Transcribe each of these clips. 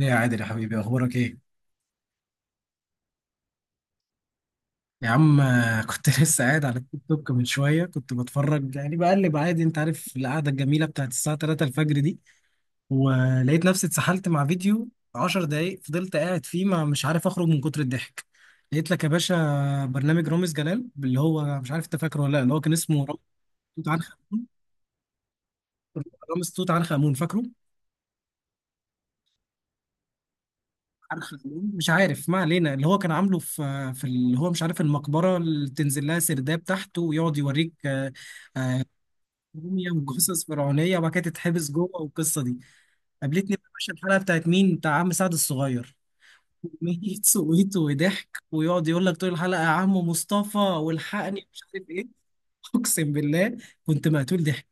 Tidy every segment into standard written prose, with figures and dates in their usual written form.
ايه يا عادل يا حبيبي، اخبارك ايه يا عم؟ كنت لسه قاعد على التيك توك من شويه، كنت بتفرج يعني بقلب عادي، انت عارف القعده الجميله بتاعت الساعه 3 الفجر دي، ولقيت نفسي اتسحلت مع فيديو 10 دقايق، فضلت قاعد فيه ما مش عارف اخرج من كتر الضحك. لقيت لك يا باشا برنامج رامز جلال، اللي هو مش عارف انت فاكره ولا لا، اللي هو كان اسمه رامز توت عنخ امون. رامز توت عنخ امون، فاكره؟ عنخ امون، مش عارف، ما علينا. اللي هو كان عامله في اللي هو مش عارف المقبره، اللي تنزل لها سرداب تحت ويقعد يوريك موميا وجثث فرعونيه، وبعد كده تتحبس جوه والقصه دي. قابلتني بقى يا باشا الحلقه بتاعت مين؟ بتاع عم سعد الصغير. كمية سويت وضحك، ويقعد يقول لك طول الحلقه: يا عم مصطفى والحقني، مش عارف ايه. اقسم بالله كنت مقتول ضحك.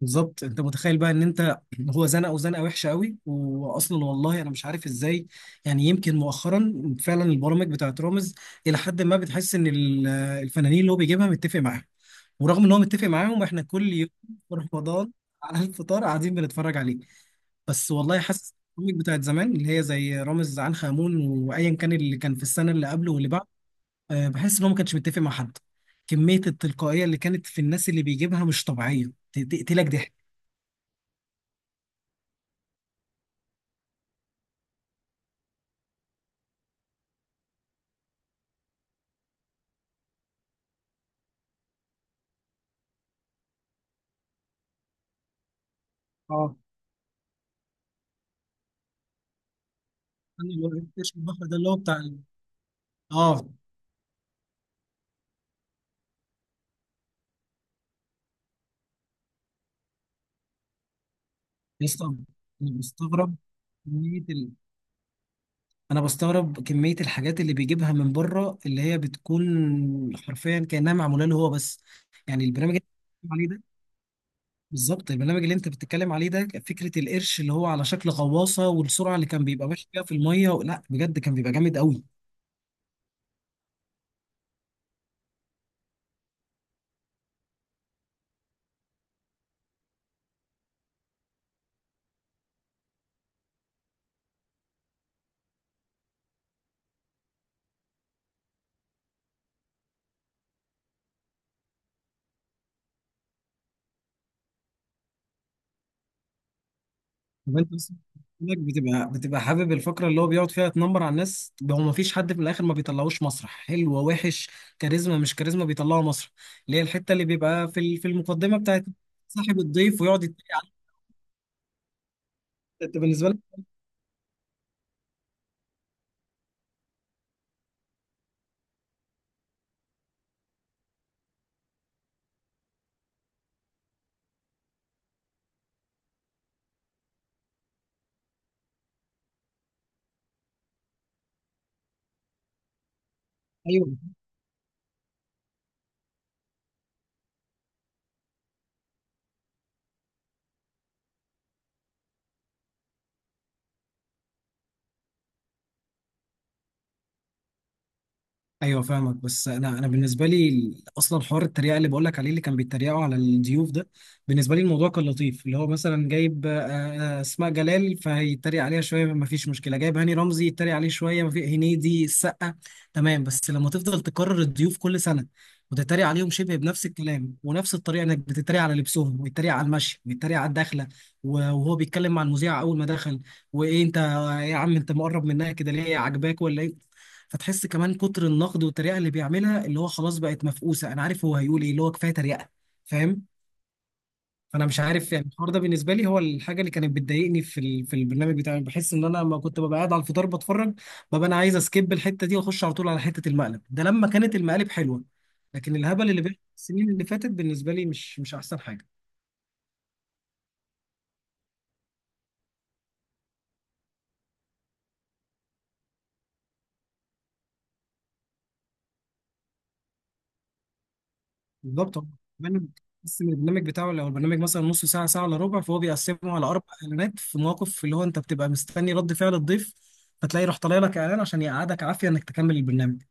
بالظبط، انت متخيل بقى ان انت، هو زنقه وزنقه وحشه قوي، واصلا والله انا مش عارف ازاي. يعني يمكن مؤخرا فعلا البرامج بتاعت رامز الى حد ما بتحس ان الفنانين اللي هو بيجيبها متفق معاهم، ورغم ان هو متفق معاهم احنا كل يوم في رمضان على الفطار قاعدين بنتفرج عليه. بس والله حاسس البرامج بتاعت زمان اللي هي زي رامز عنخ آمون وايا كان اللي كان في السنه اللي قبله واللي بعده، بحس ان هو ما كانش متفق مع حد. كميه التلقائيه اللي كانت في الناس اللي بيجيبها مش طبيعيه، تقتلك ضحك. اه، انا اللي وريتش البحر ده اللي هو بتاع اه يا اسطى. انا بستغرب كمية انا بستغرب كمية الحاجات اللي بيجيبها من بره، اللي هي بتكون حرفيا كأنها معمولة له هو بس. يعني البرنامج اللي أنت بتتكلم عليه ده، بالظبط البرنامج اللي انت بتتكلم عليه ده، فكرة القرش اللي هو على شكل غواصة والسرعة اللي كان بيبقى ماشي بيها في المية، لا بجد كان بيبقى جامد قوي. طب انت اصلا، إنك بتبقى حابب الفقره اللي هو بيقعد فيها تنمر على الناس، طب هو ما فيش حد في الاخر ما بيطلعوش مسرح حلو وحش، كاريزما مش كاريزما بيطلعوا مسرح، اللي هي الحته اللي بيبقى في في المقدمه بتاعت صاحب الضيف ويقعد يتريق عليه. انت بالنسبه لك، ايوه، ايوه فاهمك. بس انا بالنسبه لي اصلا حوار التريقه اللي بقول لك عليه، اللي كان بيتريقوا على الضيوف ده، بالنسبه لي الموضوع كان لطيف، اللي هو مثلا جايب اسماء جلال فيتريق عليها شويه، ما فيش مشكله، جايب هاني رمزي يتريق عليه شويه، ما في هنيدي، السقا، تمام. بس لما تفضل تكرر الضيوف كل سنه وتتريق عليهم شبه بنفس الكلام ونفس الطريقه، انك بتتريق على لبسهم، ويتريق على المشي، ويتريق على الدخله وهو بيتكلم مع المذيع اول ما دخل، وايه انت يا عم، انت مقرب منها كده ليه، عاجباك ولا ايه؟ فتحس كمان كتر النقد والتريقه اللي بيعملها، اللي هو خلاص بقت مفقوسه، انا عارف هو هيقول ايه، اللي هو كفايه تريقه، فاهم؟ فانا مش عارف يعني الحوار ده بالنسبه لي هو الحاجه اللي كانت بتضايقني في في البرنامج بتاعي. بحس ان انا لما كنت ببقى قاعد على الفطار بتفرج، ببقى انا عايز اسكيب الحته دي واخش على طول على حته المقلب ده، لما كانت المقالب حلوه. لكن الهبل اللي بيحصل السنين اللي فاتت بالنسبه لي مش احسن حاجه. بالظبط، هو كمان بيقسم البرنامج بتاعه، لو البرنامج مثلا نص ساعه، ساعه الا ربع، فهو بيقسمه على اربع اعلانات في مواقف اللي هو انت بتبقى مستني رد فعل الضيف، فتلاقي راح طالع لك اعلان عشان يقعدك عافيه انك تكمل البرنامج.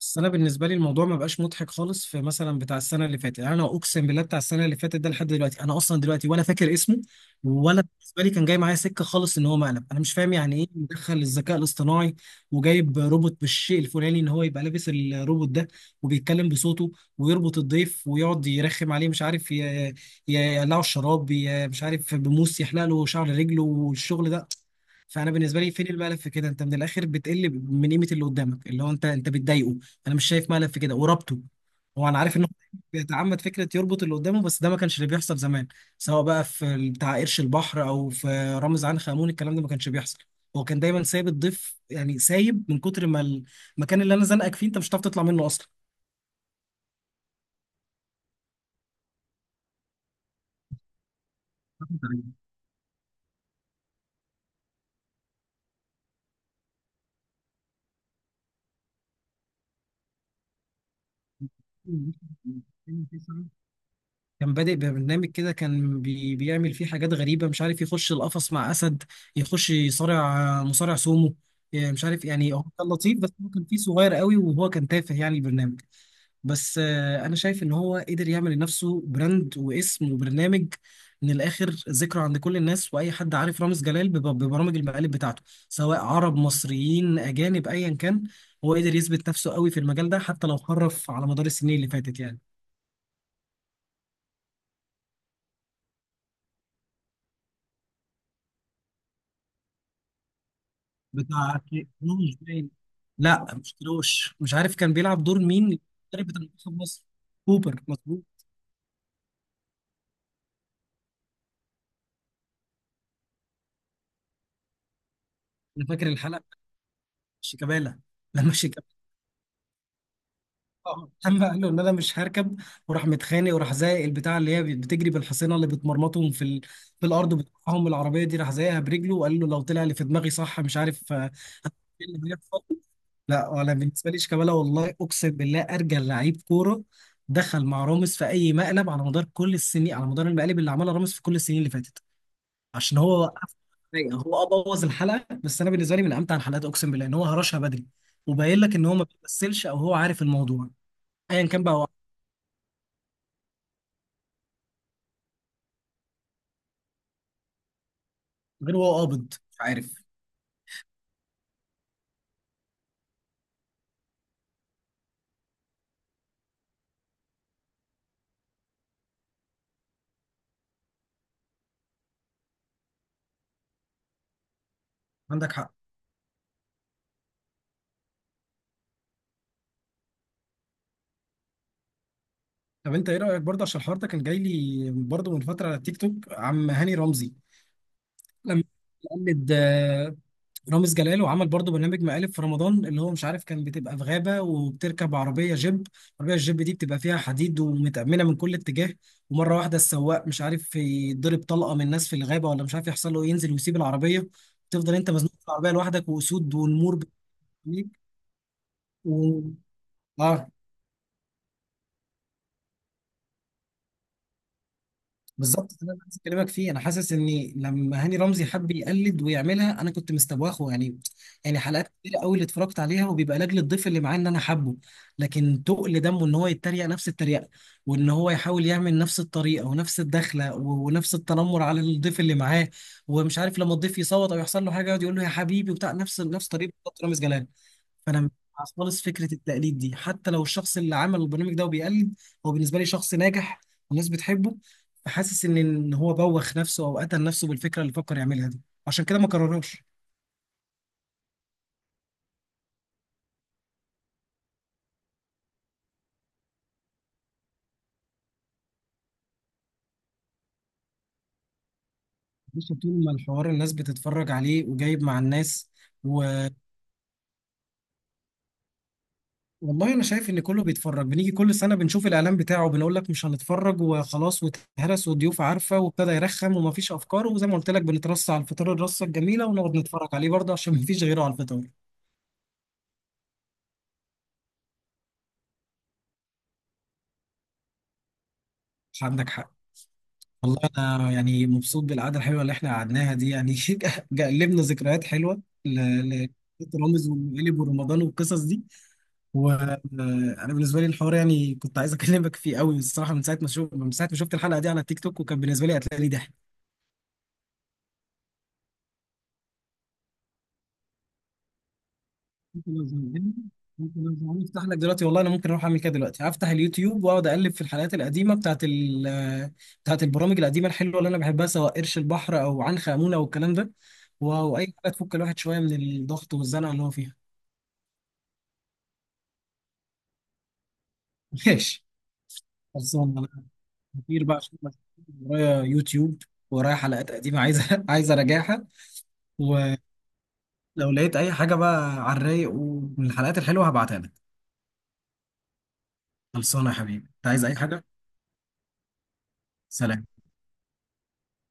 بس انا بالنسبه لي الموضوع ما بقاش مضحك خالص، في مثلا بتاع السنه اللي فاتت، يعني انا اقسم بالله بتاع السنه اللي فاتت ده لحد دلوقتي انا اصلا دلوقتي ولا فاكر اسمه، ولا بالنسبه لي كان جاي معايا سكه خالص ان هو مقلب. انا مش فاهم يعني ايه مدخل الذكاء الاصطناعي وجايب روبوت بالشيء الفلاني، ان هو يبقى لابس الروبوت ده وبيتكلم بصوته، ويربط الضيف ويقعد يرخم عليه، مش عارف يقلعه الشراب، مش عارف بموس يحلق له شعر رجله والشغل ده. فانا بالنسبه لي فين الملف في كده؟ انت من الاخر بتقل من قيمه اللي قدامك، اللي هو انت بتضايقه، انا مش شايف ملل في كده وربطه. هو انا عارف انه بيتعمد فكره يربط اللي قدامه، بس ده ما كانش اللي بيحصل زمان، سواء بقى في بتاع قرش البحر او في رامز عنخ آمون، الكلام ده ما كانش بيحصل، هو كان دايما سايب الضيف، يعني سايب من كتر ما المكان اللي انا زنقك فيه انت مش هتعرف تطلع منه اصلا. كان بادئ ببرنامج كده، كان بيعمل فيه حاجات غريبة، مش عارف يخش القفص مع أسد، يخش يصارع مصارع سومو، مش عارف. يعني هو كان لطيف، بس هو كان فيه صغير قوي، وهو كان تافه يعني البرنامج. بس انا شايف ان هو قدر يعمل لنفسه براند واسم وبرنامج، من الاخر ذكرى عند كل الناس، واي حد عارف رامز جلال ببرامج المقالب بتاعته، سواء عرب، مصريين، اجانب، ايا كان. هو قدر يثبت نفسه قوي في المجال ده، حتى لو خرف على مدار السنين اللي فاتت يعني. بتاع كيروش باين. لا مش كيروش، مش عارف كان بيلعب دور مين، المدرب بتاع منتخب مصر. كوبر، مظبوط. انا فاكر الحلقه، شيكابالا. لما لما قال له ان انا مش هركب، وراح متخانق وراح زايق البتاع اللي هي بتجري بالحصينه اللي بتمرمطهم في في الارض، بتقطعهم العربيه دي، راح زايقها برجله وقال له لو طلع اللي في دماغي صح مش عارف ايه اللي بيحصل. لا، ولا بالنسبه لي شيكابالا والله اقسم بالله ارجل لعيب كوره دخل مع راموس في اي مقلب على مدار كل السنين، على مدار المقالب اللي عملها راموس في كل السنين اللي فاتت، عشان هو وقف. هو اه بوظ الحلقه، بس انا بالنسبه لي من امتع الحلقات، اقسم بالله ان هو هرشها بدري، وباين لك ان هو ما بيمثلش او هو عارف الموضوع، ايا كان بقى، غير هو قابض، مش عارف. عندك حق. طب انت ايه رايك برضه، عشان الحوار ده كان جاي لي برضه من فتره على التيك توك، عم هاني رمزي لما قلد رامز جلال وعمل برضه برنامج مقالب في رمضان، اللي هو مش عارف كان بتبقى في غابه وبتركب عربيه جيب، العربيه الجيب دي بتبقى فيها حديد ومتأمنه من كل اتجاه، ومره واحده السواق مش عارف يضرب طلقه من ناس في الغابه، ولا مش عارف يحصل له ينزل ويسيب العربيه، تفضل انت مزنوق في العربيه لوحدك، واسود والنمور بتحميك و... اه بالظبط، ده اللي انا عايز اكلمك فيه. انا حاسس اني لما هاني رمزي حب يقلد ويعملها انا كنت مستواخه يعني. يعني حلقات كتير قوي اللي اتفرجت عليها، وبيبقى لاجل الضيف اللي معاه ان انا حبه، لكن تقل دمه ان هو يتريق نفس التريقه، وان هو يحاول يعمل نفس الطريقه ونفس الدخله ونفس التنمر على الضيف اللي معاه، ومش عارف لما الضيف يصوت او يحصل له حاجه يقعد يقول له يا حبيبي وبتاع، نفس نفس طريقه بالظبط رامز جلال. فانا مش مع خالص فكره التقليد دي، حتى لو الشخص اللي عمل البرنامج ده وبيقلد هو بالنسبه لي شخص ناجح والناس بتحبه، فحاسس ان إن هو بوخ نفسه او قتل نفسه بالفكره اللي فكر يعملها دي، عشان كده ما كررهاش. بص، طول ما الحوار الناس بتتفرج عليه وجايب مع الناس و... والله انا شايف ان كله بيتفرج، بنيجي كل سنه بنشوف الاعلان بتاعه، بنقول لك مش هنتفرج وخلاص، واتهرس والضيوف عارفه، وابتدى يرخم ومفيش افكار، وزي ما قلت لك بنترص على الفطار الرصه الجميله، ونقعد نتفرج عليه برضه عشان مفيش غيره على الفطار. عندك حق. والله انا يعني مبسوط بالقعده الحلوه اللي احنا قعدناها دي يعني، جلبنا ذكريات حلوه ل- رامز والمقلب ورمضان والقصص دي. وانا بالنسبه لي الحوار يعني كنت عايز اكلمك فيه قوي الصراحه، من ساعه ما شفت الحلقه دي على التيك توك، وكان بالنسبه لي قتلي ضحك. انت لو زهقان انت لو زهقان افتح لك دلوقتي. والله انا ممكن اروح اعمل كده دلوقتي، هفتح اليوتيوب واقعد اقلب في الحلقات القديمه بتاعت البرامج القديمه الحلوه اللي انا بحبها، سواء قرش البحر او عنخ امونه والكلام ده. واو اي حاجه تفك الواحد شويه من الضغط والزنقه اللي هو فيها. ماشي، خلصان انا كتير بقى، عشان بس ورايا يوتيوب، ورايا حلقات قديمه عايزه اراجعها. ولو لقيت اي حاجه بقى على الرايق ومن الحلقات الحلوه هبعتها لك. خلصانه يا حبيبي، انت عايز اي حاجه؟ سلام.